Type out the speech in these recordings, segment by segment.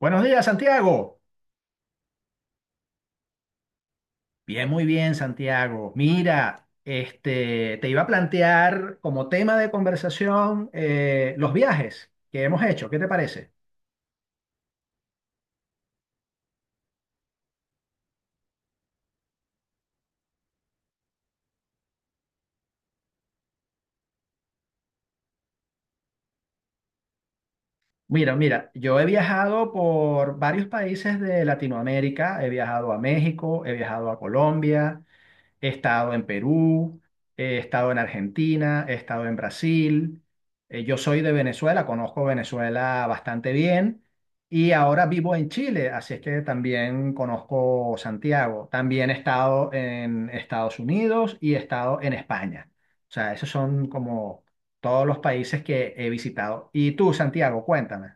Buenos días, Santiago. Bien, muy bien, Santiago. Mira, te iba a plantear como tema de conversación los viajes que hemos hecho. ¿Qué te parece? Mira, yo he viajado por varios países de Latinoamérica. He viajado a México, he viajado a Colombia, he estado en Perú, he estado en Argentina, he estado en Brasil. Yo soy de Venezuela, conozco Venezuela bastante bien y ahora vivo en Chile, así es que también conozco Santiago. También he estado en Estados Unidos y he estado en España. O sea, esos son como todos los países que he visitado. Y tú, Santiago, cuéntame.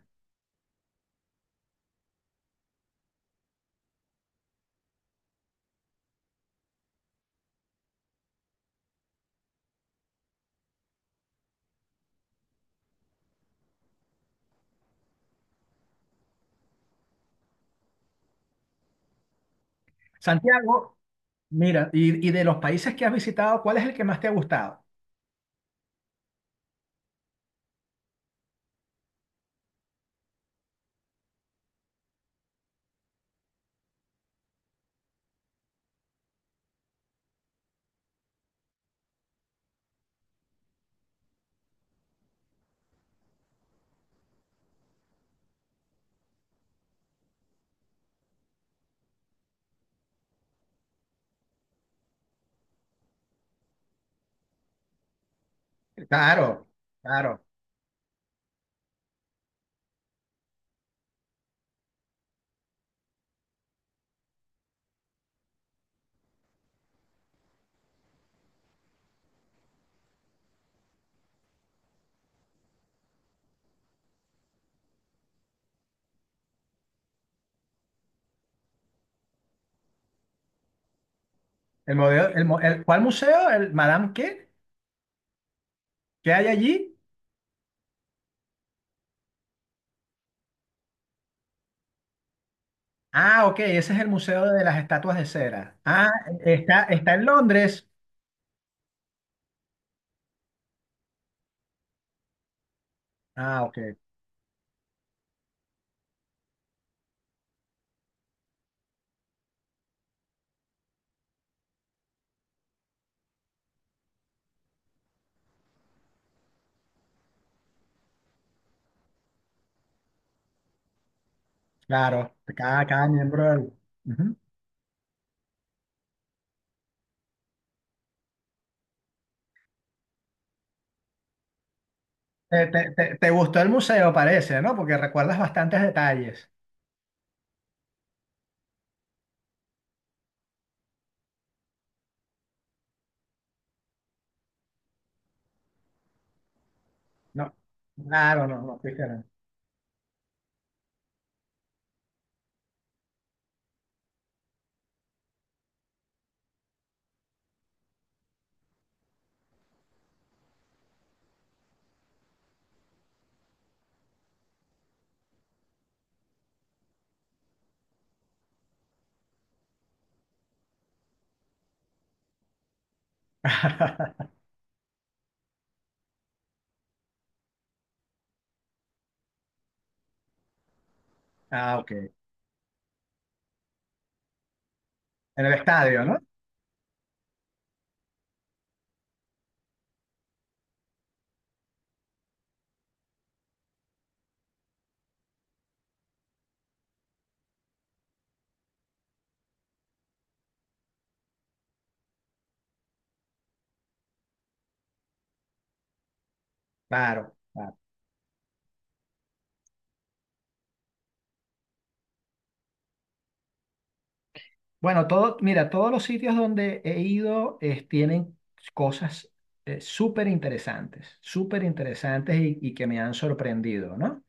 Santiago, mira, y de los países que has visitado, ¿cuál es el que más te ha gustado? Claro, claro. El modelo, ¿cuál museo? ¿El Madame qué? ¿Qué hay allí? Ah, ok, ese es el Museo de las Estatuas de Cera. Ah, está, está en Londres. Ah, ok, claro, cada, cada miembro del... Ujú. Te gustó el museo, parece, ¿no? Porque recuerdas bastantes detalles. No, claro, no, no, fuiste, no. Ah, ok, en el estadio, ¿no? Claro, claro. Bueno, todo, mira, todos los sitios donde he ido tienen cosas súper interesantes y que me han sorprendido, ¿no?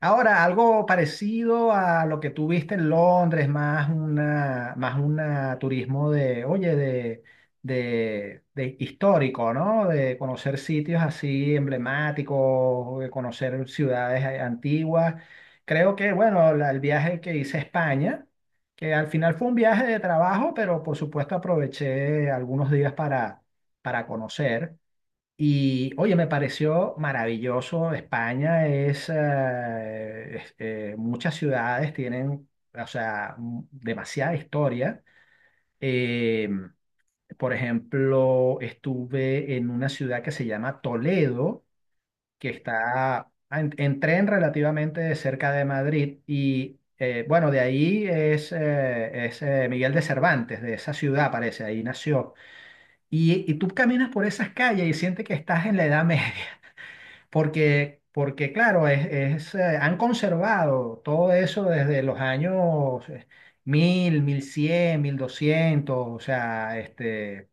Ahora, algo parecido a lo que tú viste en Londres, más una turismo de, oye, de histórico, ¿no? De conocer sitios así emblemáticos, de conocer ciudades antiguas. Creo que, bueno, el viaje que hice a España, que al final fue un viaje de trabajo, pero por supuesto aproveché algunos días para conocer. Y oye, me pareció maravilloso. España es, muchas ciudades tienen, o sea, demasiada historia. Eh, por ejemplo, estuve en una ciudad que se llama Toledo, que está en tren relativamente cerca de Madrid. Y bueno, de ahí es Miguel de Cervantes, de esa ciudad parece, ahí nació. Y tú caminas por esas calles y sientes que estás en la Edad Media. Porque claro, han conservado todo eso desde los años mil, 1100 1200, o sea, este,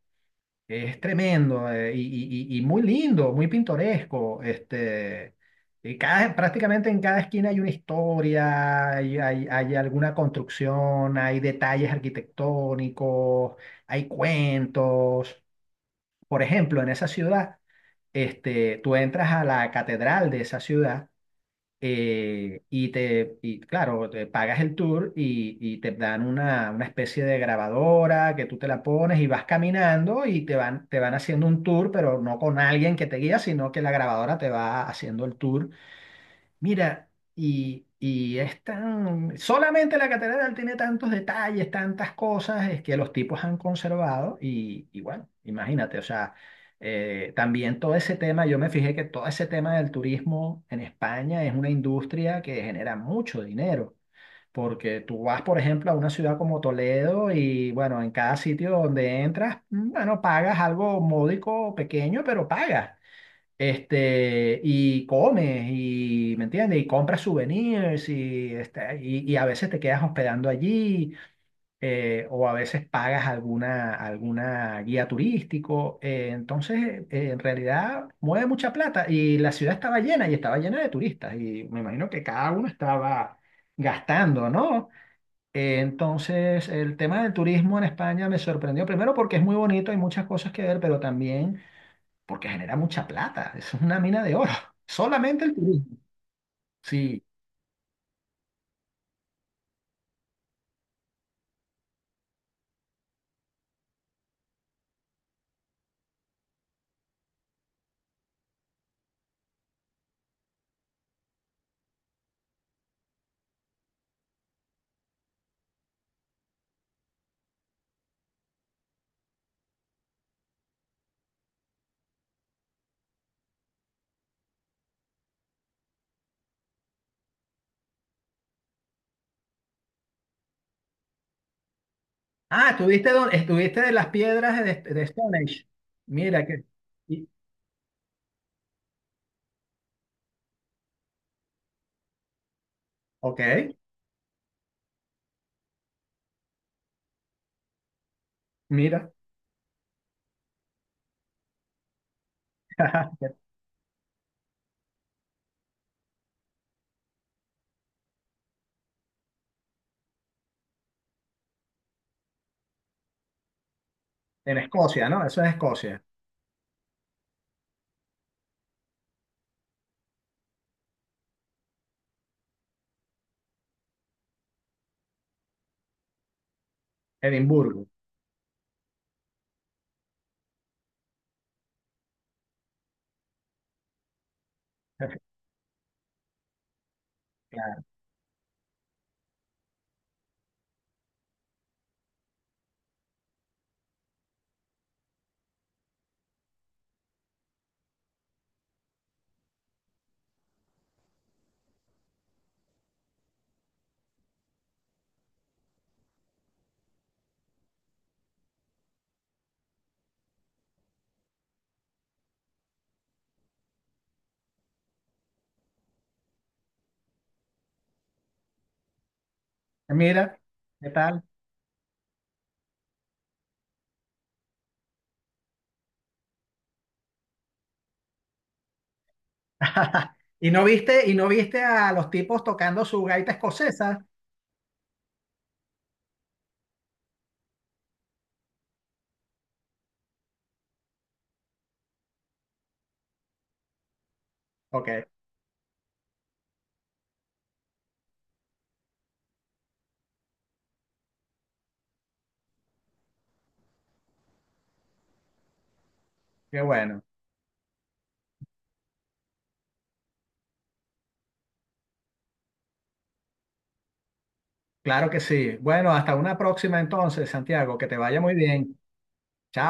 es tremendo y muy lindo, muy pintoresco. Este, y cada, prácticamente en cada esquina hay una historia, hay alguna construcción, hay detalles arquitectónicos, hay cuentos. Por ejemplo, en esa ciudad, este, tú entras a la catedral de esa ciudad y te, y claro, te pagas el tour y te dan una especie de grabadora que tú te la pones y vas caminando y te van haciendo un tour, pero no con alguien que te guía, sino que la grabadora te va haciendo el tour. Mira, y es tan... Solamente la catedral tiene tantos detalles, tantas cosas es que los tipos han conservado y bueno, imagínate, o sea, también todo ese tema, yo me fijé que todo ese tema del turismo en España es una industria que genera mucho dinero, porque tú vas, por ejemplo, a una ciudad como Toledo y bueno, en cada sitio donde entras, bueno, pagas algo módico, pequeño, pero pagas. Este, y comes, y, ¿me entiendes? Y compras souvenirs, y, este, y a veces te quedas hospedando allí, o a veces pagas alguna, alguna guía turístico. En realidad, mueve mucha plata. Y la ciudad estaba llena, y estaba llena de turistas, y me imagino que cada uno estaba gastando, ¿no? Entonces, el tema del turismo en España me sorprendió, primero porque es muy bonito, hay muchas cosas que ver, pero también porque genera mucha plata. Eso es una mina de oro. Solamente el turismo. Sí. Ah, estuviste, estuviste de las piedras de Stone Age? Mira que. y- ok, mira. En Escocia, ¿no? Eso es Escocia. Edimburgo. Claro. Mira, ¿qué tal? Y no viste a los tipos tocando su gaita escocesa? Ok, qué bueno. Claro que sí. Bueno, hasta una próxima entonces, Santiago. Que te vaya muy bien. Chao.